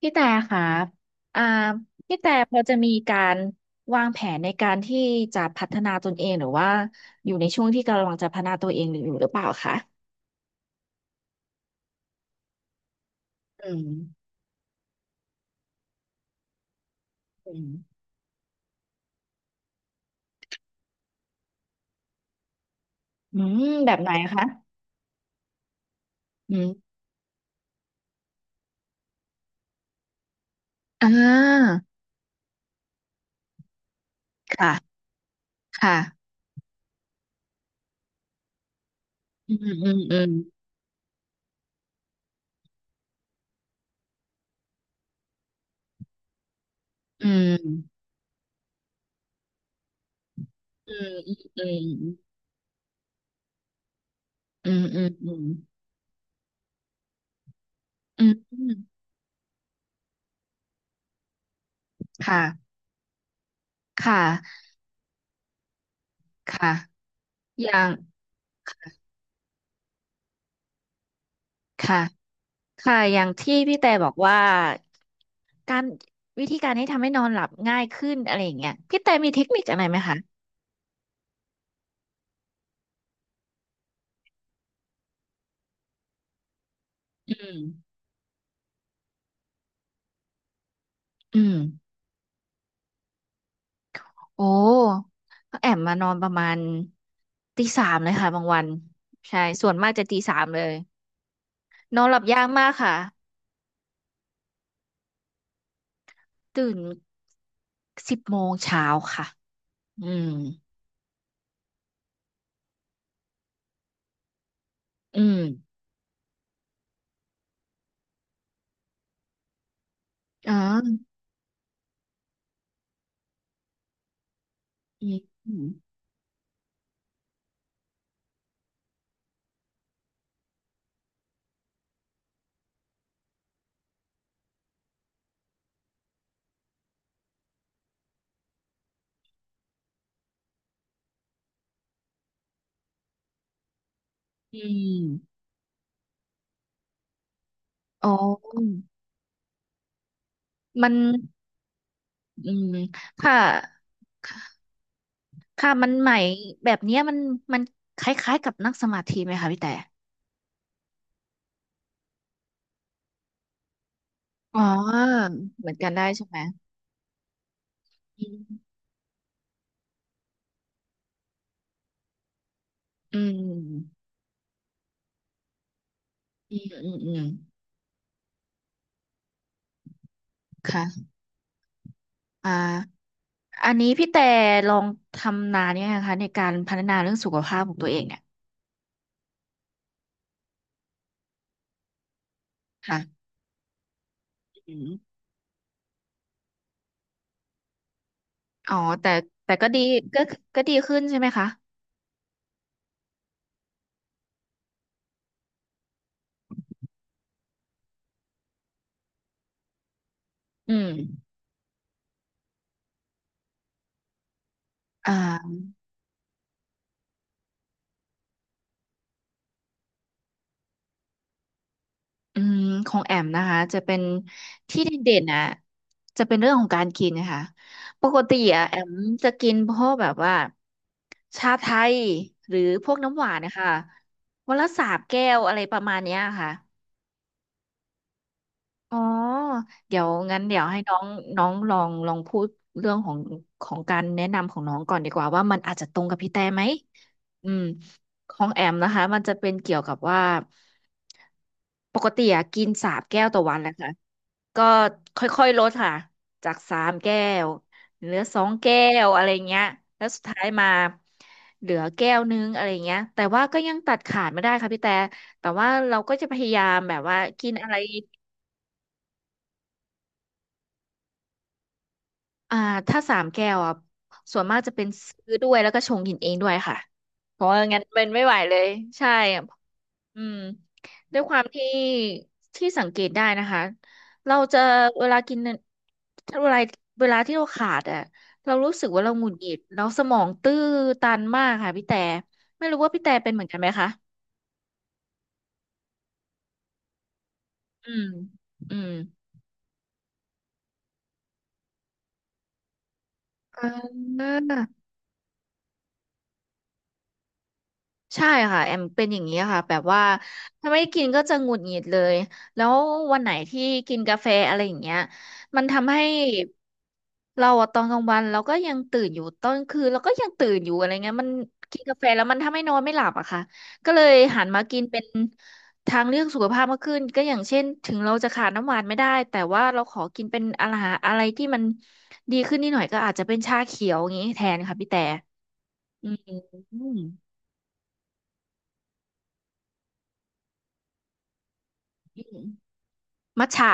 พี่แต่คระอ่าพี่แต่พอจะมีการวางแผนในการที่จะพัฒนาตนเองหรือว่าอยู่ในช่วงที่กำลังจะพัฒนาตัวเองอยู่หรือเปล่าคะอืมอืมอืมแบบไหนคะอืมอ่าค่ะค่ะอืมอืมอืมอืมอืมอืมอืมอืมอืมอืมอืมค่ะค่ะค่ะอย่างค่ะ ค่ะอย่างที่พี่แต่บอกว่าการวิธีการที่ทำให้นอนหลับง่ายขึ้นอะไรอย่างเงี้ยพี่แต่มีเทคนิคอะไรไหมคะอืมอืมโอ้ก็แอบมานอนประมาณตีสามเลยค่ะบางวันใช่ส่วนมากจะตีสามเลยนอนหลับยากมากค่ะตื่นสิบโมงเช้าค่ะอืมอืมอ๋ออืมอืมอืมอ๋อมันอืมค่ะ ค่ะมันใหมแบบเนี้ยมันมันคล้ายๆกับนั่งสมาธิไหมคะพี่แต่ อ๋อ เหมือนกันได้ใช่ไหม อืมอืมอืมอืมอืมค่ะอ่าอันนี้พี่แต่ลองทำนานเนี่ยงคะในการพัฒนาเรื่องสุขภาพของตัวเองเนี่ย ค่ะอืมอ๋อ แต่แต่ก็ดีก็ก็ดีขึ้นใช่ไหมคะ อืมอ่า อืมของแอมนะคะจะเป็นที่เด่นๆนะจะเป็นเรื่องของการกินนะคะปกติอะแอมจะกินพวกแบบว่าชาไทยหรือพวกน้ำหวานนะคะวันละสามแก้วอะไรประมาณเนี้ยค่ะอ๋อเดี๋ยวงั้นเดี๋ยวให้น้องน้องลองพูดเรื่องของของการแนะนำของน้องก่อนดีกว่าว่ามันอาจจะตรงกับพี่แต่ไหมอืมของแอมนะคะมันจะเป็นเกี่ยวกับว่าปกติอะกินสามแก้วต่อวันแหละค่ะ ก็ค่อยๆลดค่ะจากสามแก้วเหลือสองแก้วอะไรเงี้ยแล้วสุดท้ายมาเหลือแก้วนึงอะไรเงี้ยแต่ว่าก็ยังตัดขาดไม่ได้ค่ะพี่แต่แต่ว่าเราก็จะพยายามแบบว่ากินอะไร อ่าถ้าสามแก้วอ่ะส่วนมากจะเป็นซื้อด้วยแล้วก็ชงกินเองด้วยค่ะเพราะว่างั้นมันไม่ไหวเลยใช่อะอืมด้วยความที่ที่สังเกตได้นะคะเราจะเวลากินถ้าเวลาที่เราขาดอ่ะเรารู้สึกว่าเราหงุดหงิดเราสมองตื้อตันมากค่ะพี่แต่ไม่รู้ว่าพี่แต่เป็นเหมือนกันไหมคะอืมอืมอ่า ใช่ค่ะแอมเป็นอย่างนี้ค่ะแบบว่าถ้าไม่ได้กินก็จะหงุดหงิดเลยแล้ววันไหนที่กินกาแฟอะไรอย่างเงี้ยมันทำให้เราอะตอนกลางวันเราก็ยังตื่นอยู่ตอนกลางคืนเราก็ยังตื่นอยู่อะไรเงี้ยมันกินกาแฟแล้วมันทำให้นอนไม่หลับอะค่ะก็เลยหันมากินเป็นทางเลือกสุขภาพมากขึ้นก็อย่างเช่นถึงเราจะขาดน้ำหวานไม่ได้แต่ว่าเราขอกินเป็นอาหารอะไรที่มันดีขึ้นนิดหน่อยก็อาจจะเป็นชาเขียวอย่างนี้แทนค่ะพี่แต่อืมอืม มัทฉะ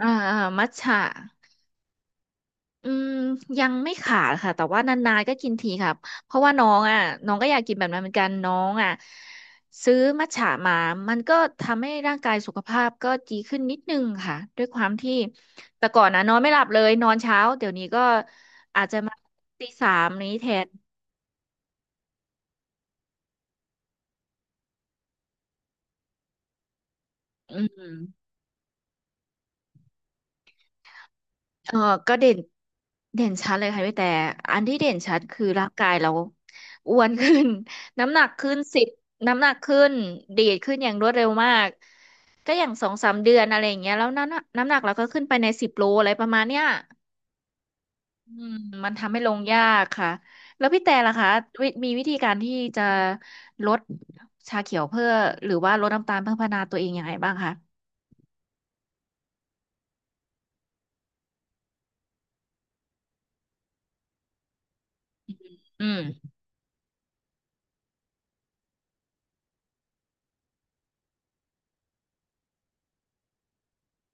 อ่ามัทฉะอืมยังไม่ขาดค่ะ แต่ว่านานๆ ก็กินทีครับ เพราะว่าน้องอ่ะน้องก็อยากกินแบบนั้นเหมือนกัน น้องอ่ะซื้อมัทฉะมา มันก็ทำให้ร่างกายสุขภาพก็ดีขึ้นนิดนึงค่ะ ด้วยความที่แต่ก่อนนะนอนไม่หลับเลย นอนเช้า เดี๋ยวนี้ก็อาจจะมาตีสามนี้แทนอืม เออก็เด่นเด่นชัดเลยค่ะพี่แต่อันที่เด่นชัดคือร่างกายเราอ้วนขึ้น น้ำหนักขึ้นสิบน้ำหนักขึ้นดีดขึ้นอย่างรวดเร็วมากก็อย่างสองสามเดือนอะไรอย่างเงี้ยแล้วน้ำหนักเราก็ขึ้นไปในสิบโลอะไรประมาณเนี้ยอืมมันทำให้ลงยากค่ะแล้วพี่แต่ล่ะคะมีวิธีการที่จะลดชาเขียวเพื่อหรือว่าลดน้ำตาลเพื่อพัฒนาตัวเองยังไงบ้างคะอืม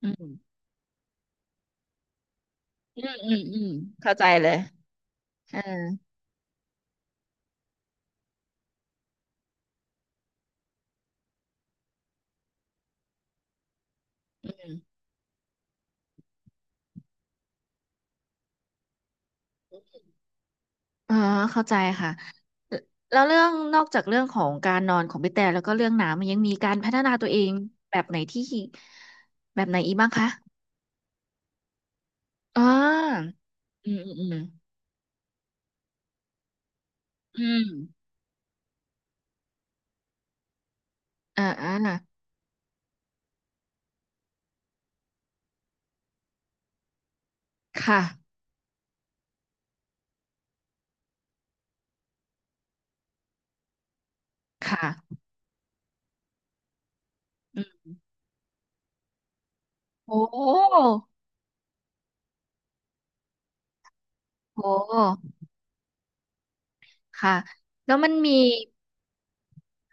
อืมอืมอืมอืมเข้าใจเลยเออ อ๋อเข้าใจค่ะแลแล้วเรื่องนอกจากเรื่องของการนอนของพี่แต่แล้วก็เรื่องน้ำมันยังมีการพัฒนาตัวเองแบบไหนที่แบบไหนอีกบ้างคะอ๋ออืมอืมอืมอืมอ่าอ่าค่ะค่ะอืมโอ้โหค่ะแล้วมันมี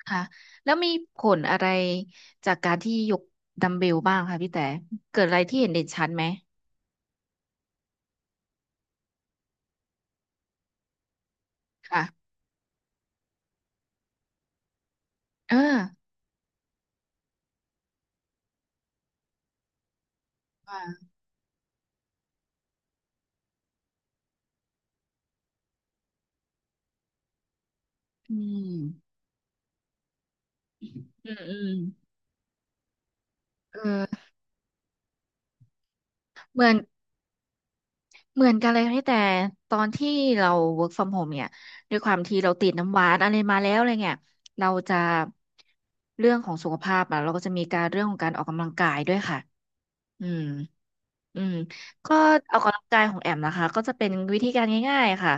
ค่ะแล้วมีผลอะไรจากการที่ยกดัมเบลบ้างคะพี่แต่เกิดอะไรที่เห็นเด่นชัดไหมค่ะเอ่อค่าอืมอืมอืม เออเหมือนเหมือนกันเลยพี่แต่ตอนที่เรา work from home เนี่ยด้วยความที่เราติดน้ำหวานอะไรมาแล้วอะไรเงี้ยเราจะเรื่องของสุขภาพอะเราก็จะมีการเรื่องของการออกกำลังกายด้วยค่ะอืม อืมก็ออกกำลังกายของแอมนะคะก็จะเป็นวิธีการง่ายๆค่ะ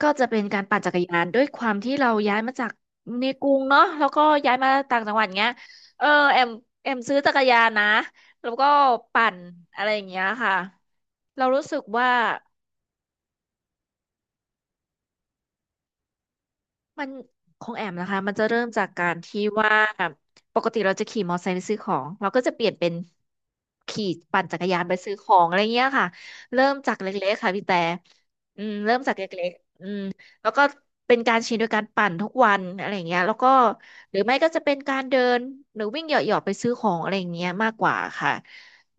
ก็จะเป็นการปั่นจักรยานด้วยความที่เราย้ายมาจากในกรุงเนาะแล้วก็ย้ายมาต่างจังหวัดเงี้ยเออแอมแอมซื้อจักรยานนะแล้วก็ปั่นอะไรอย่างเงี้ยค่ะเรารู้สึกว่า มันของแอมนะคะมันจะเริ่มจากการที่ว่าปกติเราจะขี่มอเตอร์ไซค์ไปซื้อของเราก็จะเปลี่ยนเป็นขี่ปั่นจักรยานไปซื้อของอะไรเงี้ยค่ะเริ่มจากเล็กๆค่ะพี่แต่อืมเริ่มจากเล็กๆแล้วก็เป็นการชินโดยการปั่นทุกวันอะไรเงี้ยแล้วก็หรือไม่ก็จะเป็นการเดินหรือวิ่งเหยาะๆไปซื้อของอะไรเงี้ยมากกว่าค่ะ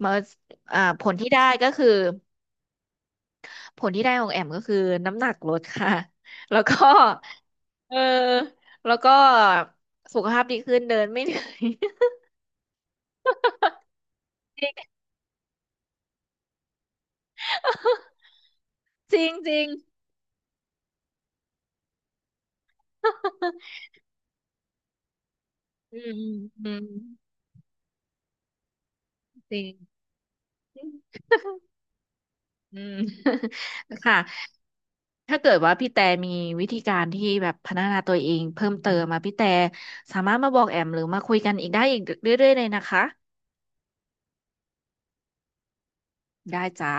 มาผลที่ได้ก็คือ ผลที่ได้ของแอมก็คือน้ำหนักลดค่ะ แล้วก็ เออแล้วก็สุขภาพดีขึ้นเดินไม่เหนื่อย จริงจริง อืมอืมจริงอืม ค่ะ ถ้าเกิดว่าพี่แต่มีวิธีการที่แบบพัฒนาตัวเองเพิ่มเติมมาพี่แต่สามารถมาบอกแอมหรือมาคุยกันอีกได้อีกเรื่อยๆเลยนะคะ ได้จ้า